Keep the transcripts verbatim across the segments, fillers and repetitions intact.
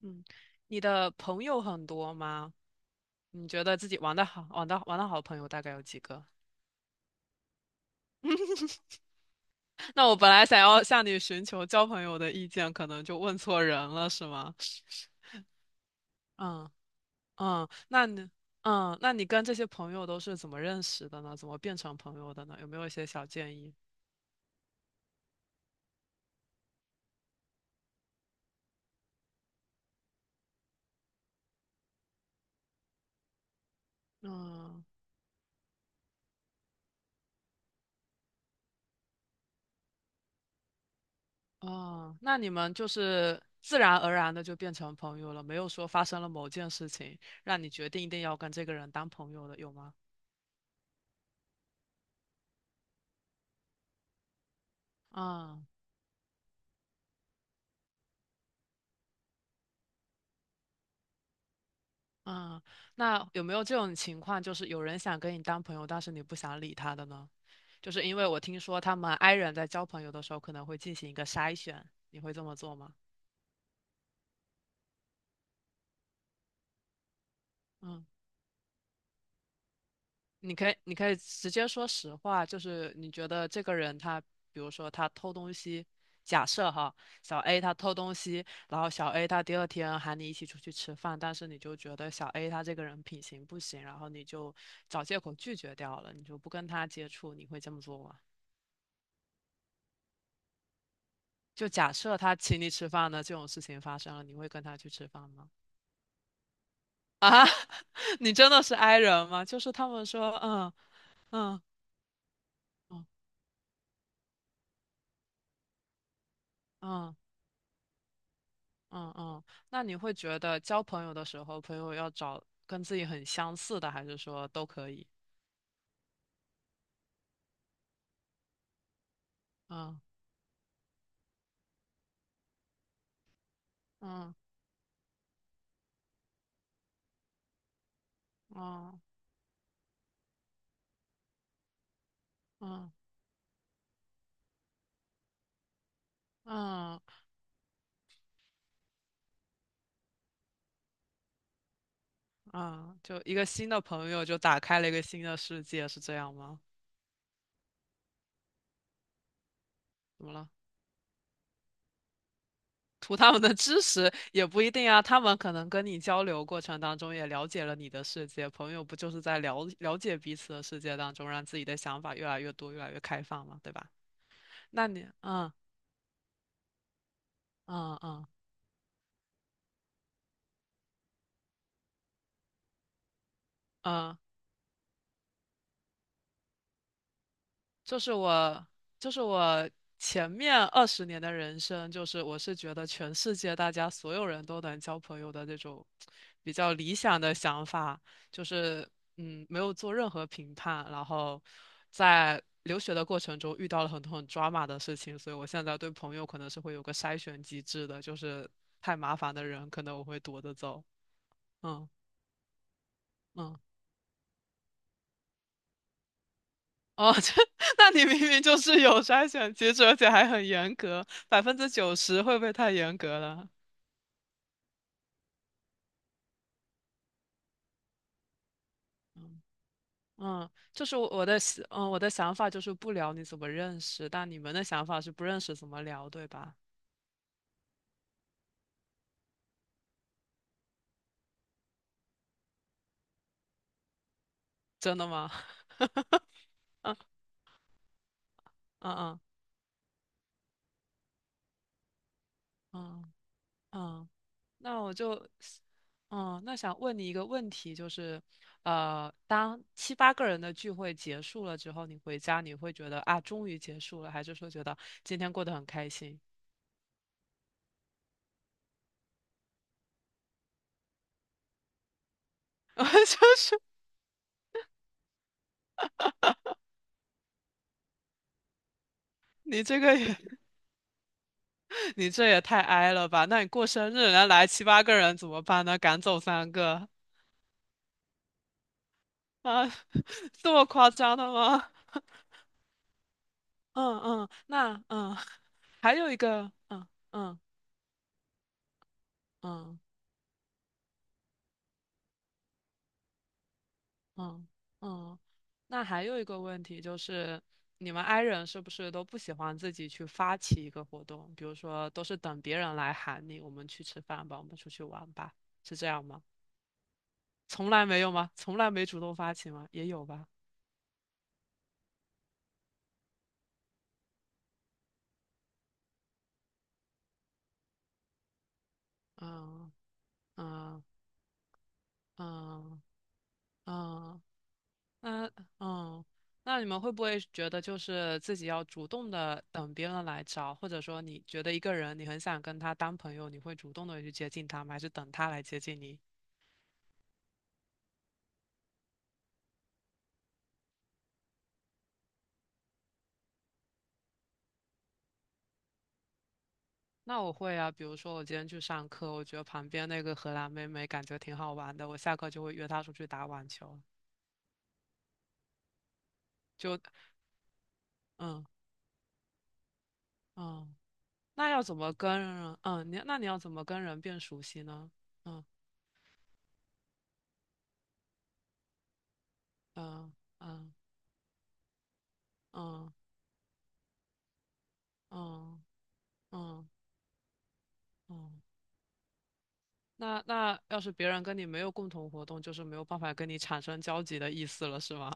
嗯，你的朋友很多吗？你觉得自己玩的好、玩的玩的好的朋友大概有几个？那我本来想要向你寻求交朋友的意见，可能就问错人了，是吗？嗯嗯。那你嗯，那你跟这些朋友都是怎么认识的呢？怎么变成朋友的呢？有没有一些小建议？嗯。哦，那你们就是自然而然的就变成朋友了，没有说发生了某件事情让你决定一定要跟这个人当朋友的，有吗？嗯，那有没有这种情况，就是有人想跟你当朋友，但是你不想理他的呢？就是因为我听说他们 i 人在交朋友的时候可能会进行一个筛选，你会这么做吗？嗯，你可以，你可以直接说实话，就是你觉得这个人他，比如说他偷东西，假设哈，小 A 他偷东西，然后小 A 他第二天喊你一起出去吃饭，但是你就觉得小 A 他这个人品行不行，然后你就找借口拒绝掉了，你就不跟他接触，你会这么做吗？就假设他请你吃饭呢，这种事情发生了，你会跟他去吃饭吗？啊，你真的是 i 人吗？就是他们说，嗯。嗯嗯嗯嗯嗯。那你会觉得交朋友的时候，朋友要找跟自己很相似的，还是说都可以？嗯。嗯嗯嗯嗯嗯。就一个新的朋友就打开了一个新的世界，是这样吗？怎么了？图他们的知识也不一定啊，他们可能跟你交流过程当中也了解了你的世界，朋友不就是在了了解彼此的世界当中，让自己的想法越来越多，越来越开放嘛，对吧？那你，嗯嗯嗯嗯。就是我，就是我前面二十年的人生，就是我是觉得全世界大家所有人都能交朋友的这种比较理想的想法，就是嗯，没有做任何评判，然后在留学的过程中遇到了很多很抓马的事情，所以我现在对朋友可能是会有个筛选机制的，就是太麻烦的人，可能我会躲着走。嗯嗯。哦，这 那你明明就是有筛选机制，而且还很严格，百分之九十会不会太严格了？嗯，就是我我的想嗯我的想法就是不聊你怎么认识，但你们的想法是不认识怎么聊，对吧？真的吗？嗯嗯嗯嗯。那我就，嗯，那想问你一个问题，就是，呃，当七八个人的聚会结束了之后，你回家你会觉得啊，终于结束了，还是说觉得今天过得很开心？我就是你这个也，你这也太哀了吧？那你过生日，人家来七八个人怎么办呢？赶走三个啊，这么夸张的吗？嗯嗯，那嗯，还有一个，嗯嗯嗯嗯嗯。那还有一个问题就是，你们 i 人是不是都不喜欢自己去发起一个活动？比如说，都是等别人来喊你，我们去吃饭吧，我们出去玩吧，是这样吗？从来没有吗？从来没主动发起吗？也有吧？嗯。啊啊啊，那嗯，那你们会不会觉得就是自己要主动的等别人来找，或者说你觉得一个人你很想跟他当朋友，你会主动的去接近他吗？还是等他来接近你？那我会啊，比如说我今天去上课，我觉得旁边那个荷兰妹妹感觉挺好玩的，我下课就会约她出去打网球。就嗯嗯，那要怎么跟人嗯你那你要怎么跟人变熟悉呢？嗯嗯嗯嗯嗯嗯。嗯。哦，那那要是别人跟你没有共同活动，就是没有办法跟你产生交集的意思了，是吗？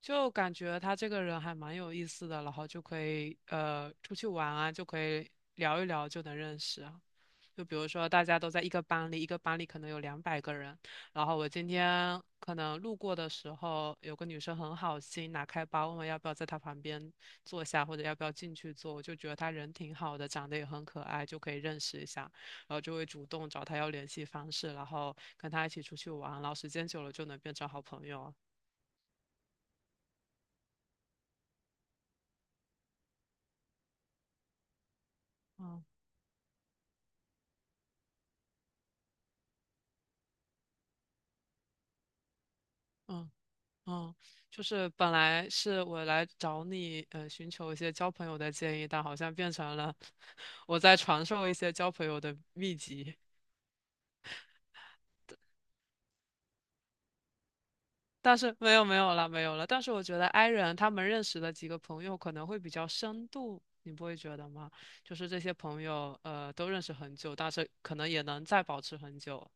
就感觉他这个人还蛮有意思的，然后就可以呃出去玩啊，就可以聊一聊，就能认识啊。就比如说，大家都在一个班里，一个班里可能有两百个人。然后我今天可能路过的时候，有个女生很好心拿开包，问我要不要在她旁边坐下，或者要不要进去坐。我就觉得她人挺好的，长得也很可爱，就可以认识一下。然后就会主动找她要联系方式，然后跟她一起出去玩。然后时间久了就能变成好朋友啊。嗯嗯。嗯，就是本来是我来找你，呃，寻求一些交朋友的建议，但好像变成了我在传授一些交朋友的秘籍。但是没有没有了没有了，但是我觉得 i 人他们认识的几个朋友可能会比较深度，你不会觉得吗？就是这些朋友，呃，都认识很久，但是可能也能再保持很久。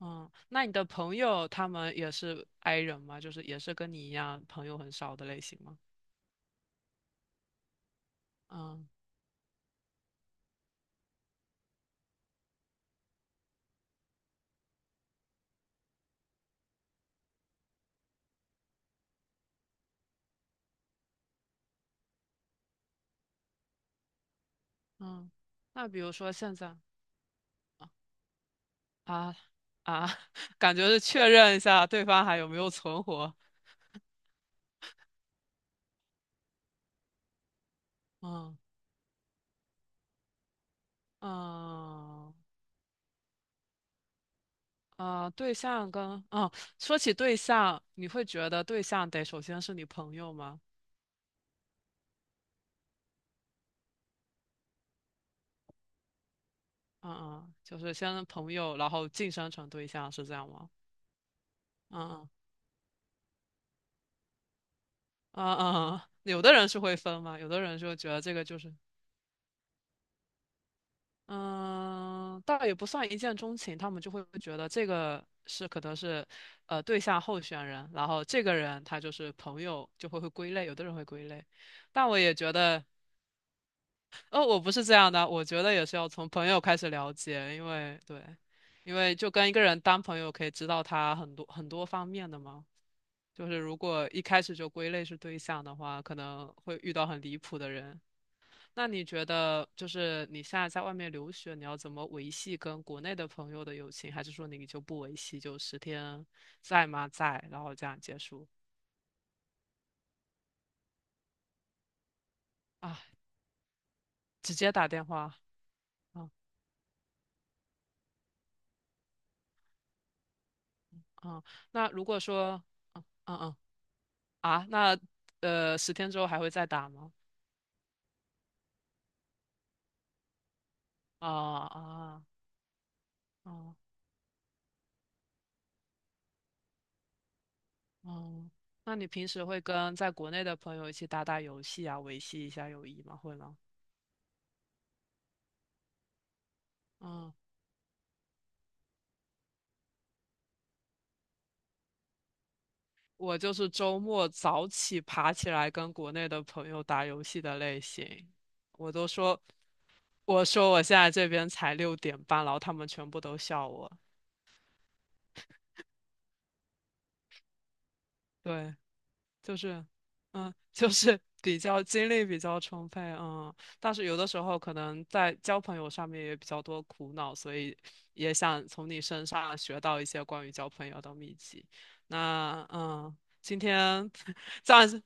嗯，那你的朋友他们也是 i 人吗？就是也是跟你一样朋友很少的类型吗？嗯嗯，那比如说现在。啊啊，感觉是确认一下对方还有没有存活。嗯嗯。啊，对象跟嗯，说起对象，你会觉得对象得首先是你朋友吗？嗯嗯，就是先朋友，然后晋升成对象，是这样吗？嗯嗯嗯嗯，有的人是会分嘛，有的人就觉得这个就是嗯，倒也不算一见钟情，他们就会觉得这个是可能是，呃，对象候选人，然后这个人他就是朋友，就会会归类，有的人会归类，但我也觉得，哦，我不是这样的，我觉得也是要从朋友开始了解，因为对，因为就跟一个人当朋友可以知道他很多很多方面的嘛，就是如果一开始就归类是对象的话，可能会遇到很离谱的人。那你觉得，就是你现在在外面留学，你要怎么维系跟国内的朋友的友情？还是说你就不维系，就十天在吗？在，然后这样结束啊？直接打电话，嗯嗯。那如果说，嗯嗯嗯啊，那呃，十天之后还会再打吗？啊啊啊。哦，那你平时会跟在国内的朋友一起打打游戏啊，维系一下友谊吗？会吗？嗯。我就是周末早起爬起来跟国内的朋友打游戏的类型。我都说，我说我现在这边才六点半，然后他们全部都笑我。对，就是，嗯，就是比较精力比较充沛，嗯，但是有的时候可能在交朋友上面也比较多苦恼，所以也想从你身上学到一些关于交朋友的秘籍。那嗯，今天 这样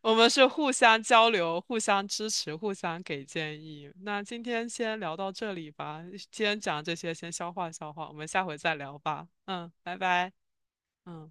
我们是互相交流、互相支持、互相给建议。那今天先聊到这里吧，今天讲这些先消化消化，我们下回再聊吧。嗯，拜拜。嗯。